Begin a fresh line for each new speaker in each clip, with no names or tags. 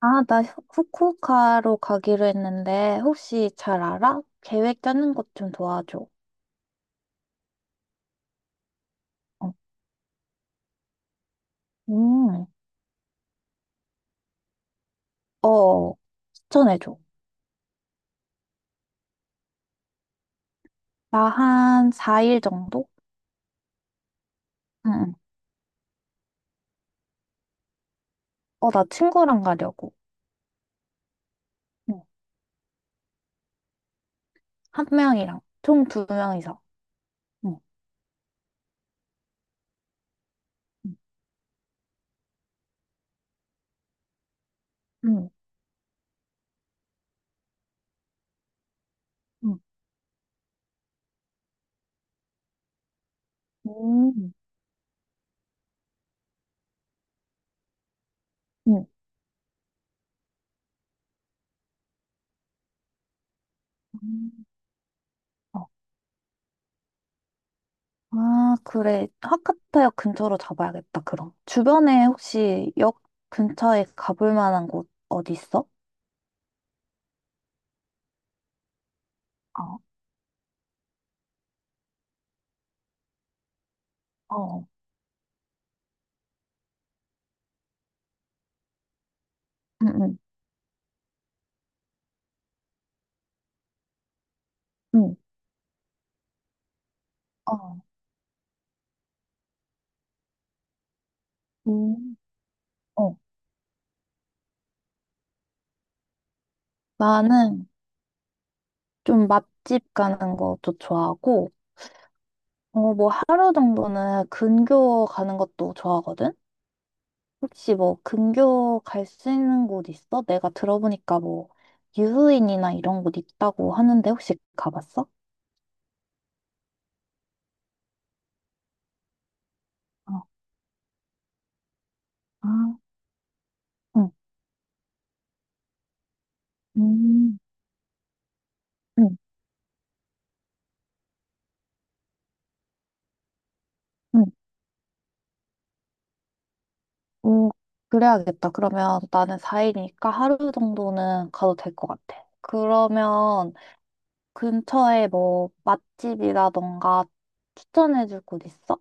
아, 나 후쿠오카로 가기로 했는데, 혹시 잘 알아? 계획 짜는 것 좀 도와줘. 어, 음, 어, 추천해줘. 나 한 4일 정도? 응, 응, 어, 나 친구랑 가려고. 응, 한 명이랑. 총 두 명이서. 응, 응, 응. 응, 음, 응. 음. 어, 아, 그래. 하카타역 근처로 잡아야겠다, 그럼. 주변에 혹시 역 근처에 가볼 만한 곳 어디 있어? 어, 어. 응, 응. 응. 어, 음. 어, 나는 좀 맛집 가는 것도 좋아하고, 어, 뭐 하루 정도는 근교 가는 것도 좋아하거든? 혹시 뭐 근교 갈 수 있는 곳 있어? 내가 들어보니까 뭐 유후인이나 이런 곳 있다고 하는데 혹시 가봤어? 어, 아, 응, 음, 응, 응. 오, 그래야겠다. 그러면 나는 4일이니까 하루 정도는 가도 될 것 같아. 그러면 근처에 뭐 맛집이라던가 추천해줄 곳 있어?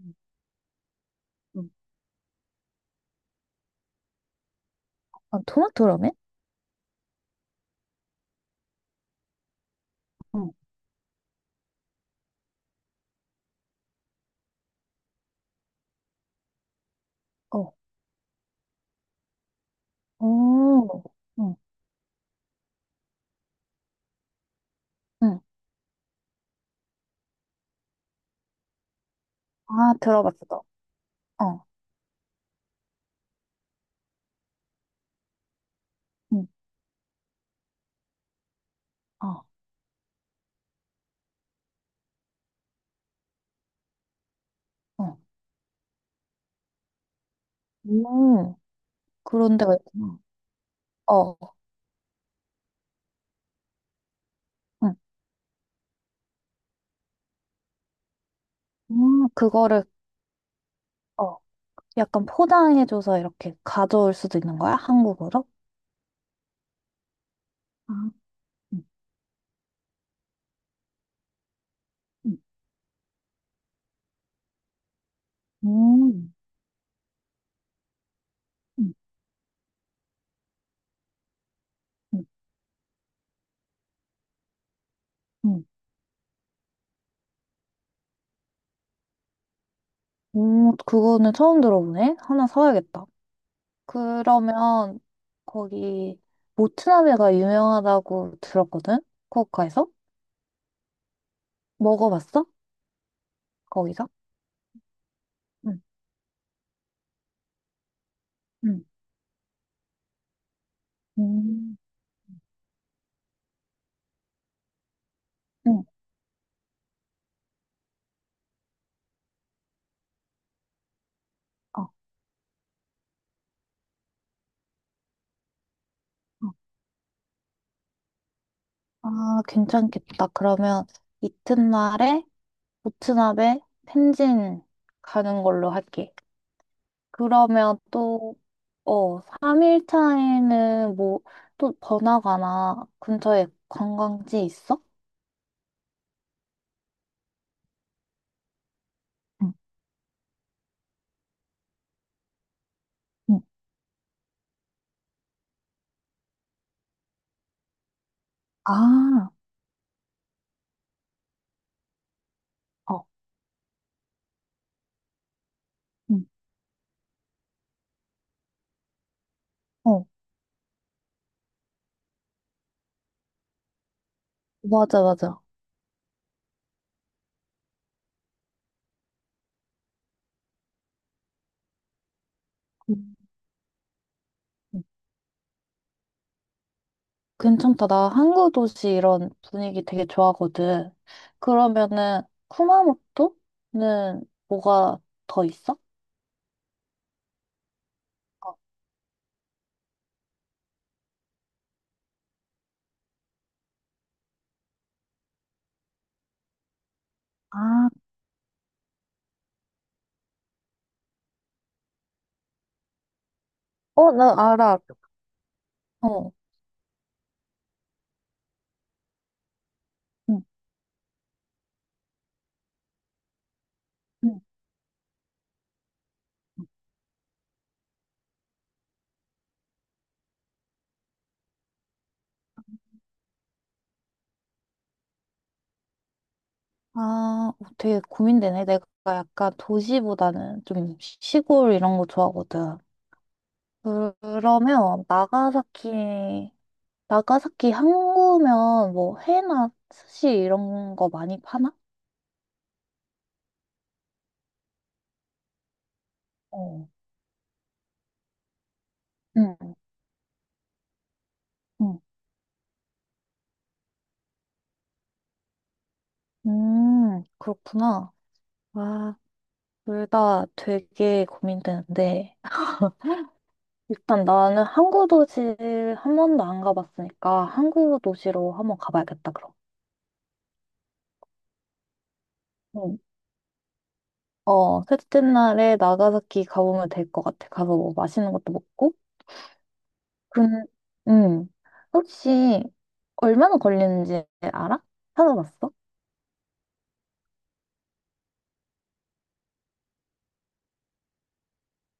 음. 음. 아, 토마토 라멘? 응, 어. 오. 응, 응. 아, 들어봤어. 어, 응, 어, 어. 음. 그런데, 나, 어, 응. 그거를 어. 약간 포장해줘서 이렇게 가져올 수도 있는 거야? 한국으로? 아. 응, 응. 음. 응, 응. 응. 오, 그거는 처음 들어보네? 하나 사야겠다. 그러면 거기 모츠나베가 유명하다고 들었거든? 후쿠오카에서? 먹어봤어? 거기서? 응, 응, 음, 응, 어, 어. 아, 괜찮겠다. 그러면 이튿날에 모츠나베 펜진 가는 걸로 할게. 그러면 또, 어, 3일 차에는 뭐, 또 번화가나 근처에 관광지 있어? 응, 응. 아, 어, 응 어, 맞아, 맞아. 괜찮다. 나 항구 도시 이런 분위기 되게 좋아하거든. 그러면은 쿠마모토는 뭐가 더 있어? 아, 어, 나 알아. 어. 응, 응. 아, 어, 되게 고민되네. 내가 약간 도시보다는 좀 시골 이런 거 좋아하거든. 그러면 나가사키, 나가사키 항구면 뭐 회나 스시 이런 거 많이 파나? 어, 응. 응. 그렇구나. 와, 둘 다 되게 고민되는데, 일단 나는 항구 도시 한 번도 안 가봤으니까 항구 도시로 한번 가봐야겠다, 그럼. 응. 어, 셋째 날에 나가사키 가보면 될 것 같아. 가서 뭐 맛있는 것도 먹고. 근, 음, 혹시 얼마나 걸리는지 알아? 찾아봤어?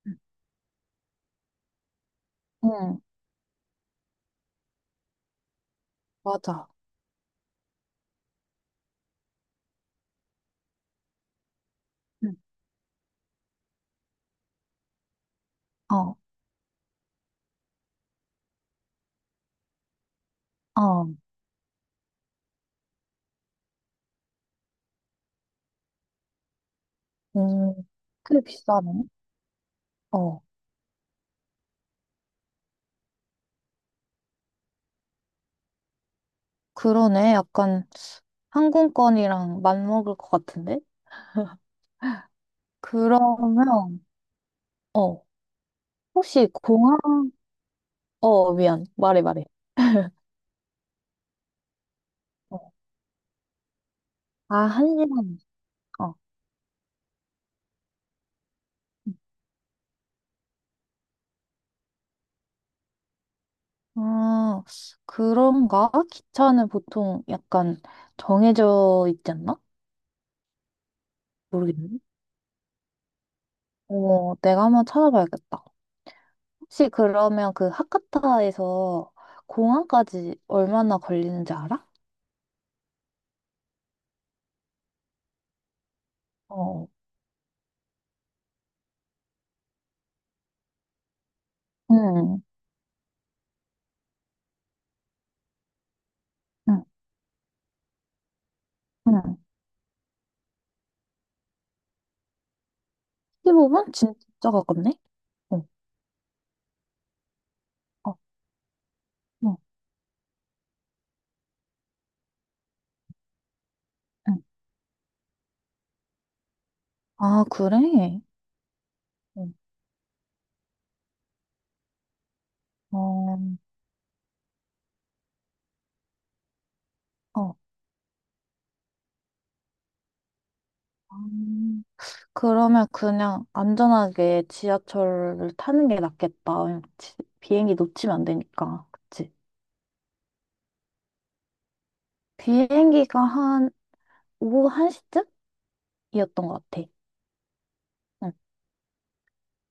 응, 응, 맞아. 응. 어, 어, 음, 꽤 비싸네. 어, 그러네. 약간 항공권이랑 맞먹을 것 같은데? 그러면, 어, 혹시 공항, 어, 미안. 말해, 말해. 어. 아, 한 시간. 어. 아, 그런가? 기차는 보통 약간 정해져 있지 않나? 모르겠네. 어, 내가 한번 찾아봐야겠다. 혹시 그러면 그 하카타에서 공항까지 얼마나 걸리는지 알아? 어, 응, 응, 응. 15분? 진짜 가깝네? 어, 어, 응, 응, 아, 그래? 응. 어, 어. 음. 그러면 그냥 안전하게 지하철을 타는 게 낫겠다. 왜냐면 비행기 놓치면 안 되니까. 그치? 비행기가 한 오후 1시쯤이었던 것 같아. 응.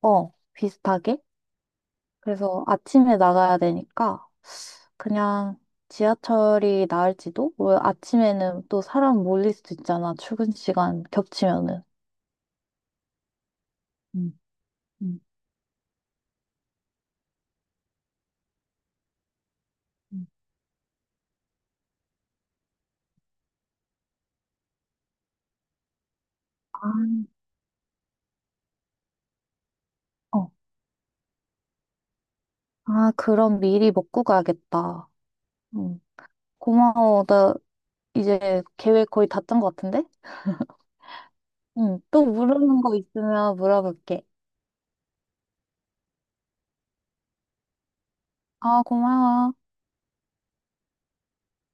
어, 비슷하게. 그래서 아침에 나가야 되니까 그냥 지하철이 나을지도? 왜 아침에는 또 사람 몰릴 수도 있잖아. 출근 시간 겹치면은. 음, 음, 음. 아, 어. 아, 그럼 미리 먹고 가야겠다. 응. 고마워. 이제 계획 거의 다짠 것 같은데? 응. 또 모르는 거 있으면 물어볼게. 아, 고마워.